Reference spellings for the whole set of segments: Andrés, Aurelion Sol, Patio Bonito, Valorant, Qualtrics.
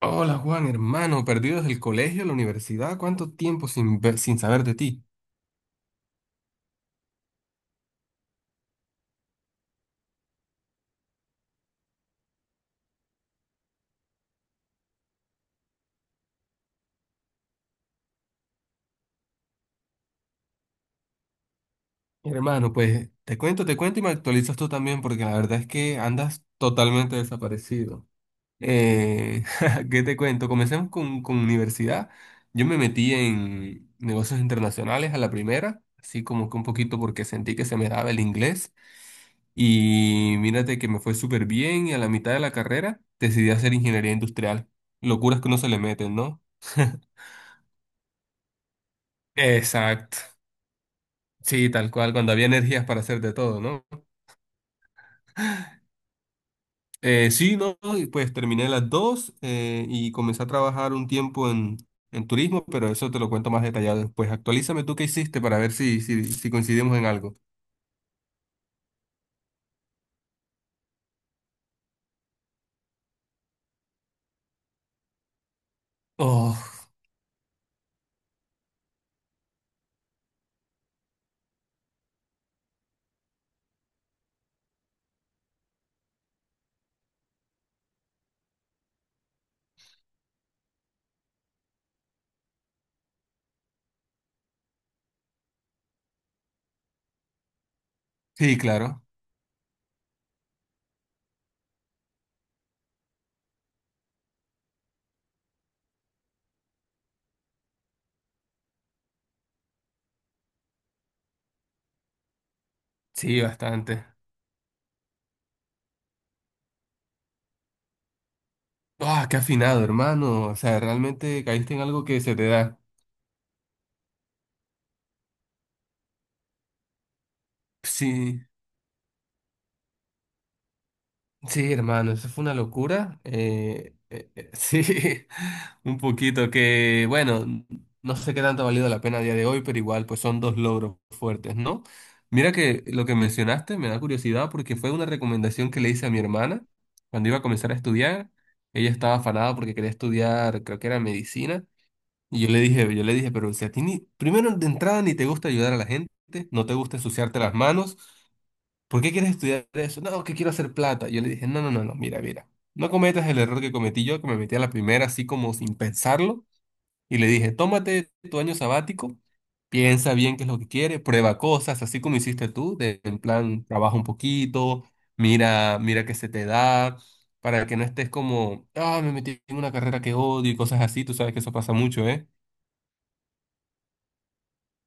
Hola Juan, hermano, perdido desde el colegio, la universidad, ¿cuánto tiempo sin saber de ti? Hermano, pues te cuento y me actualizas tú también, porque la verdad es que andas totalmente desaparecido. Eh, ¿Qué te cuento? Comencemos con universidad. Yo me metí en negocios internacionales a la primera, así como que un poquito porque sentí que se me daba el inglés. Y mírate que me fue súper bien y a la mitad de la carrera decidí hacer ingeniería industrial. Locuras que no se le meten, ¿no? Exacto. Sí, tal cual, cuando había energías para hacer de todo, ¿no? Sí, no, y pues terminé las dos y comencé a trabajar un tiempo en turismo, pero eso te lo cuento más detallado después. Actualízame tú qué hiciste para ver si coincidimos en algo. Oh, sí, claro. Sí, bastante. Ah, qué afinado, hermano. O sea, realmente caíste en algo que se te da. Sí. Sí, hermano, eso fue una locura. Sí, un poquito que, bueno, no sé qué tanto ha valido la pena a día de hoy, pero igual, pues son dos logros fuertes, ¿no? Mira que lo que mencionaste me da curiosidad porque fue una recomendación que le hice a mi hermana cuando iba a comenzar a estudiar. Ella estaba afanada porque quería estudiar, creo que era medicina, y yo le dije, pero si a ti ni, primero de entrada ni te gusta ayudar a la gente, no te gusta ensuciarte las manos. ¿Por qué quieres estudiar eso? No, que quiero hacer plata. Yo le dije, no, no, no, no, mira, no cometas el error que cometí yo, que me metí a la primera así como sin pensarlo, y le dije, tómate tu año sabático, piensa bien qué es lo que quieres, prueba cosas, así como hiciste tú, de, en plan, trabaja un poquito, mira qué se te da, para que no estés como, ah, me metí en una carrera que odio y cosas así, tú sabes que eso pasa mucho, ¿eh?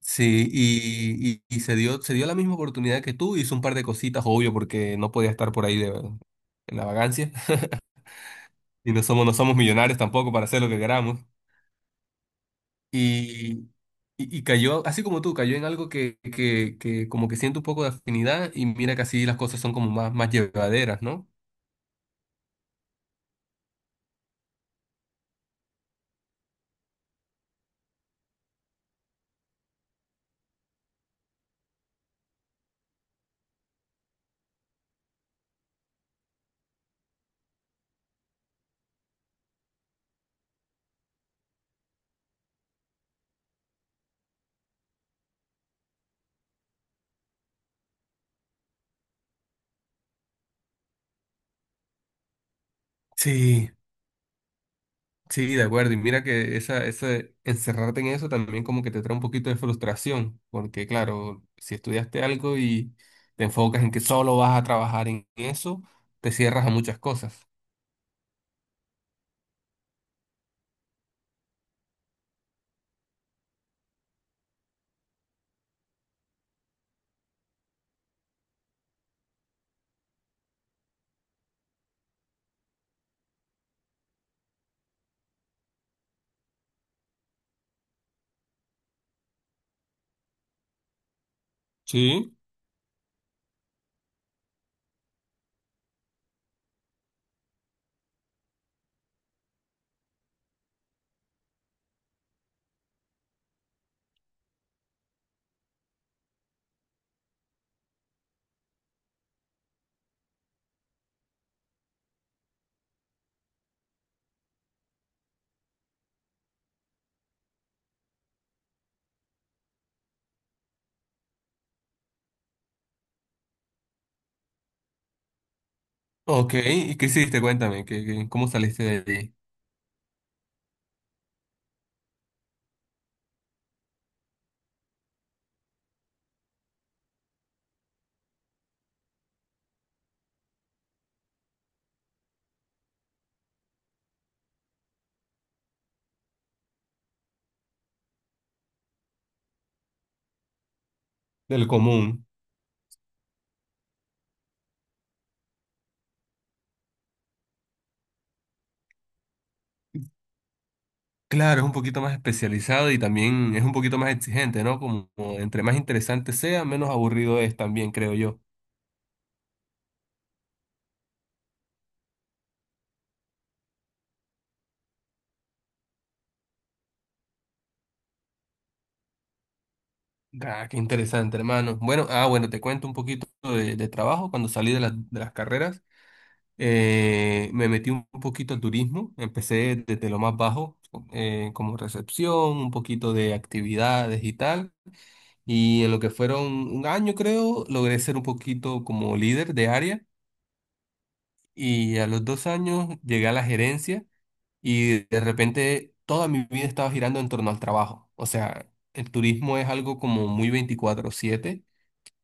Sí, y se dio la misma oportunidad que tú, hizo un par de cositas, obvio, porque no podía estar por ahí de, en la vagancia. Y no somos, no somos millonarios tampoco para hacer lo que queramos. Y, y cayó, así como tú, cayó en algo que como que siento un poco de afinidad y mira que así las cosas son como más, más llevaderas, ¿no? Sí. Sí, de acuerdo. Y mira que esa, ese encerrarte en eso también como que te trae un poquito de frustración, porque claro, si estudiaste algo y te enfocas en que solo vas a trabajar en eso, te cierras a muchas cosas. Sí. Ok, ¿y qué hiciste? Cuéntame, ¿cómo saliste de- del común? Claro, es un poquito más especializado y también es un poquito más exigente, ¿no? Como entre más interesante sea, menos aburrido es también, creo yo. Ah, qué interesante, hermano. Bueno, ah, bueno, te cuento un poquito de trabajo. Cuando salí de las carreras, me metí un poquito al turismo. Empecé desde lo más bajo, como recepción, un poquito de actividades y tal. Y en lo que fueron 1 año, creo, logré ser un poquito como líder de área. Y a los 2 años llegué a la gerencia y de repente toda mi vida estaba girando en torno al trabajo. O sea, el turismo es algo como muy 24/7.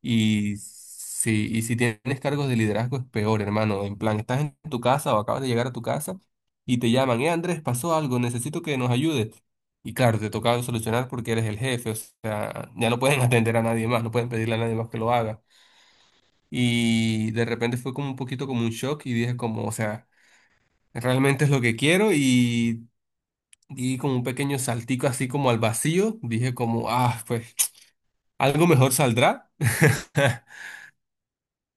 Y si tienes cargos de liderazgo es peor, hermano. En plan, estás en tu casa o acabas de llegar a tu casa y te llaman, Andrés, pasó algo, necesito que nos ayudes. Y claro, te toca solucionar porque eres el jefe, o sea, ya no pueden atender a nadie más, no pueden pedirle a nadie más que lo haga. Y de repente fue como un poquito como un shock y dije como, o sea, realmente es lo que quiero y di como un pequeño saltico así como al vacío, dije como, ah, pues algo mejor saldrá.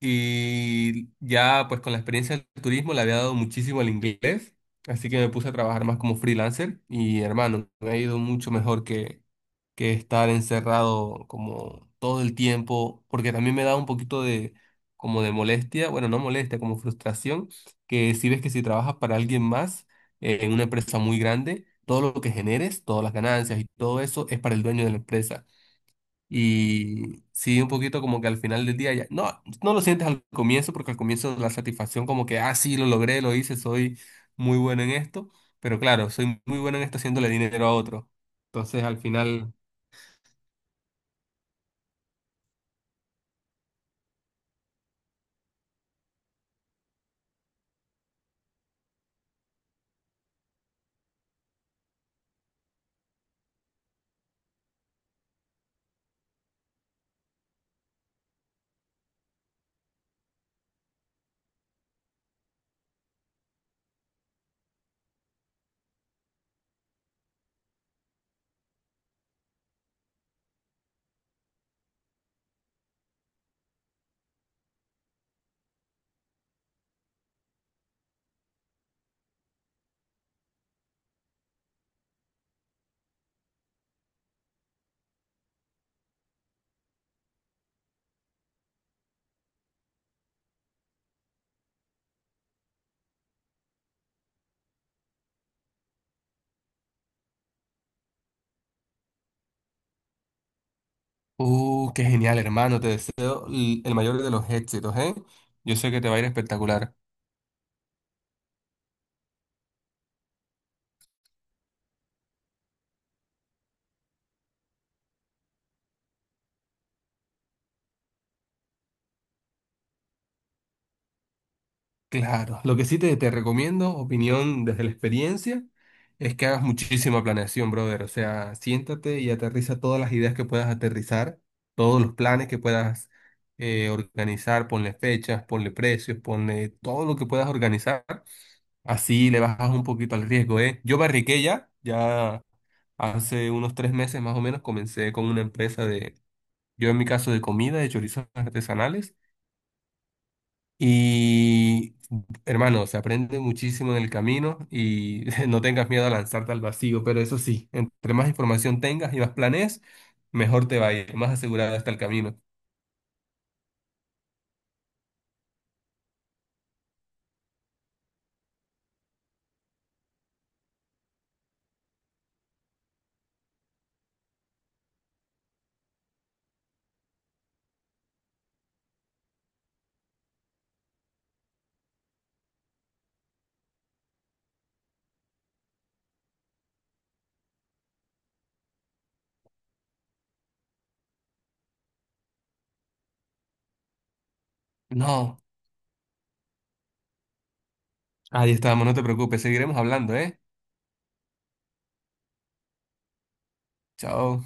Y ya pues con la experiencia del turismo le había dado muchísimo al inglés, así que me puse a trabajar más como freelancer y hermano, me ha ido mucho mejor que estar encerrado como todo el tiempo, porque también me da un poquito de como de molestia, bueno, no molestia, como frustración, que si ves que si trabajas para alguien más en una empresa muy grande, todo lo que generes, todas las ganancias y todo eso es para el dueño de la empresa. Y sí, un poquito como que al final del día ya, no lo sientes al comienzo, porque al comienzo la satisfacción como que, ah, sí, lo logré, lo hice, soy muy bueno en esto, pero claro, soy muy bueno en esto haciéndole dinero a otro. Entonces al final, qué genial, hermano, te deseo el mayor de los éxitos, ¿eh? Yo sé que te va a ir espectacular. Claro, lo que sí te recomiendo, opinión desde la experiencia, es que hagas muchísima planeación, brother. O sea, siéntate y aterriza todas las ideas que puedas aterrizar, todos los planes que puedas organizar, ponle fechas, ponle precios, ponle todo lo que puedas organizar. Así le bajas un poquito al riesgo, ¿eh? Yo barriqué ya hace unos 3 meses más o menos comencé con una empresa de, yo en mi caso de comida, de chorizos artesanales. Y hermano, se aprende muchísimo en el camino y no tengas miedo a lanzarte al vacío, pero eso sí, entre más información tengas y más planes mejor te va a ir, más asegurado está el camino. No, ahí estamos, no te preocupes, seguiremos hablando, ¿eh? Chao.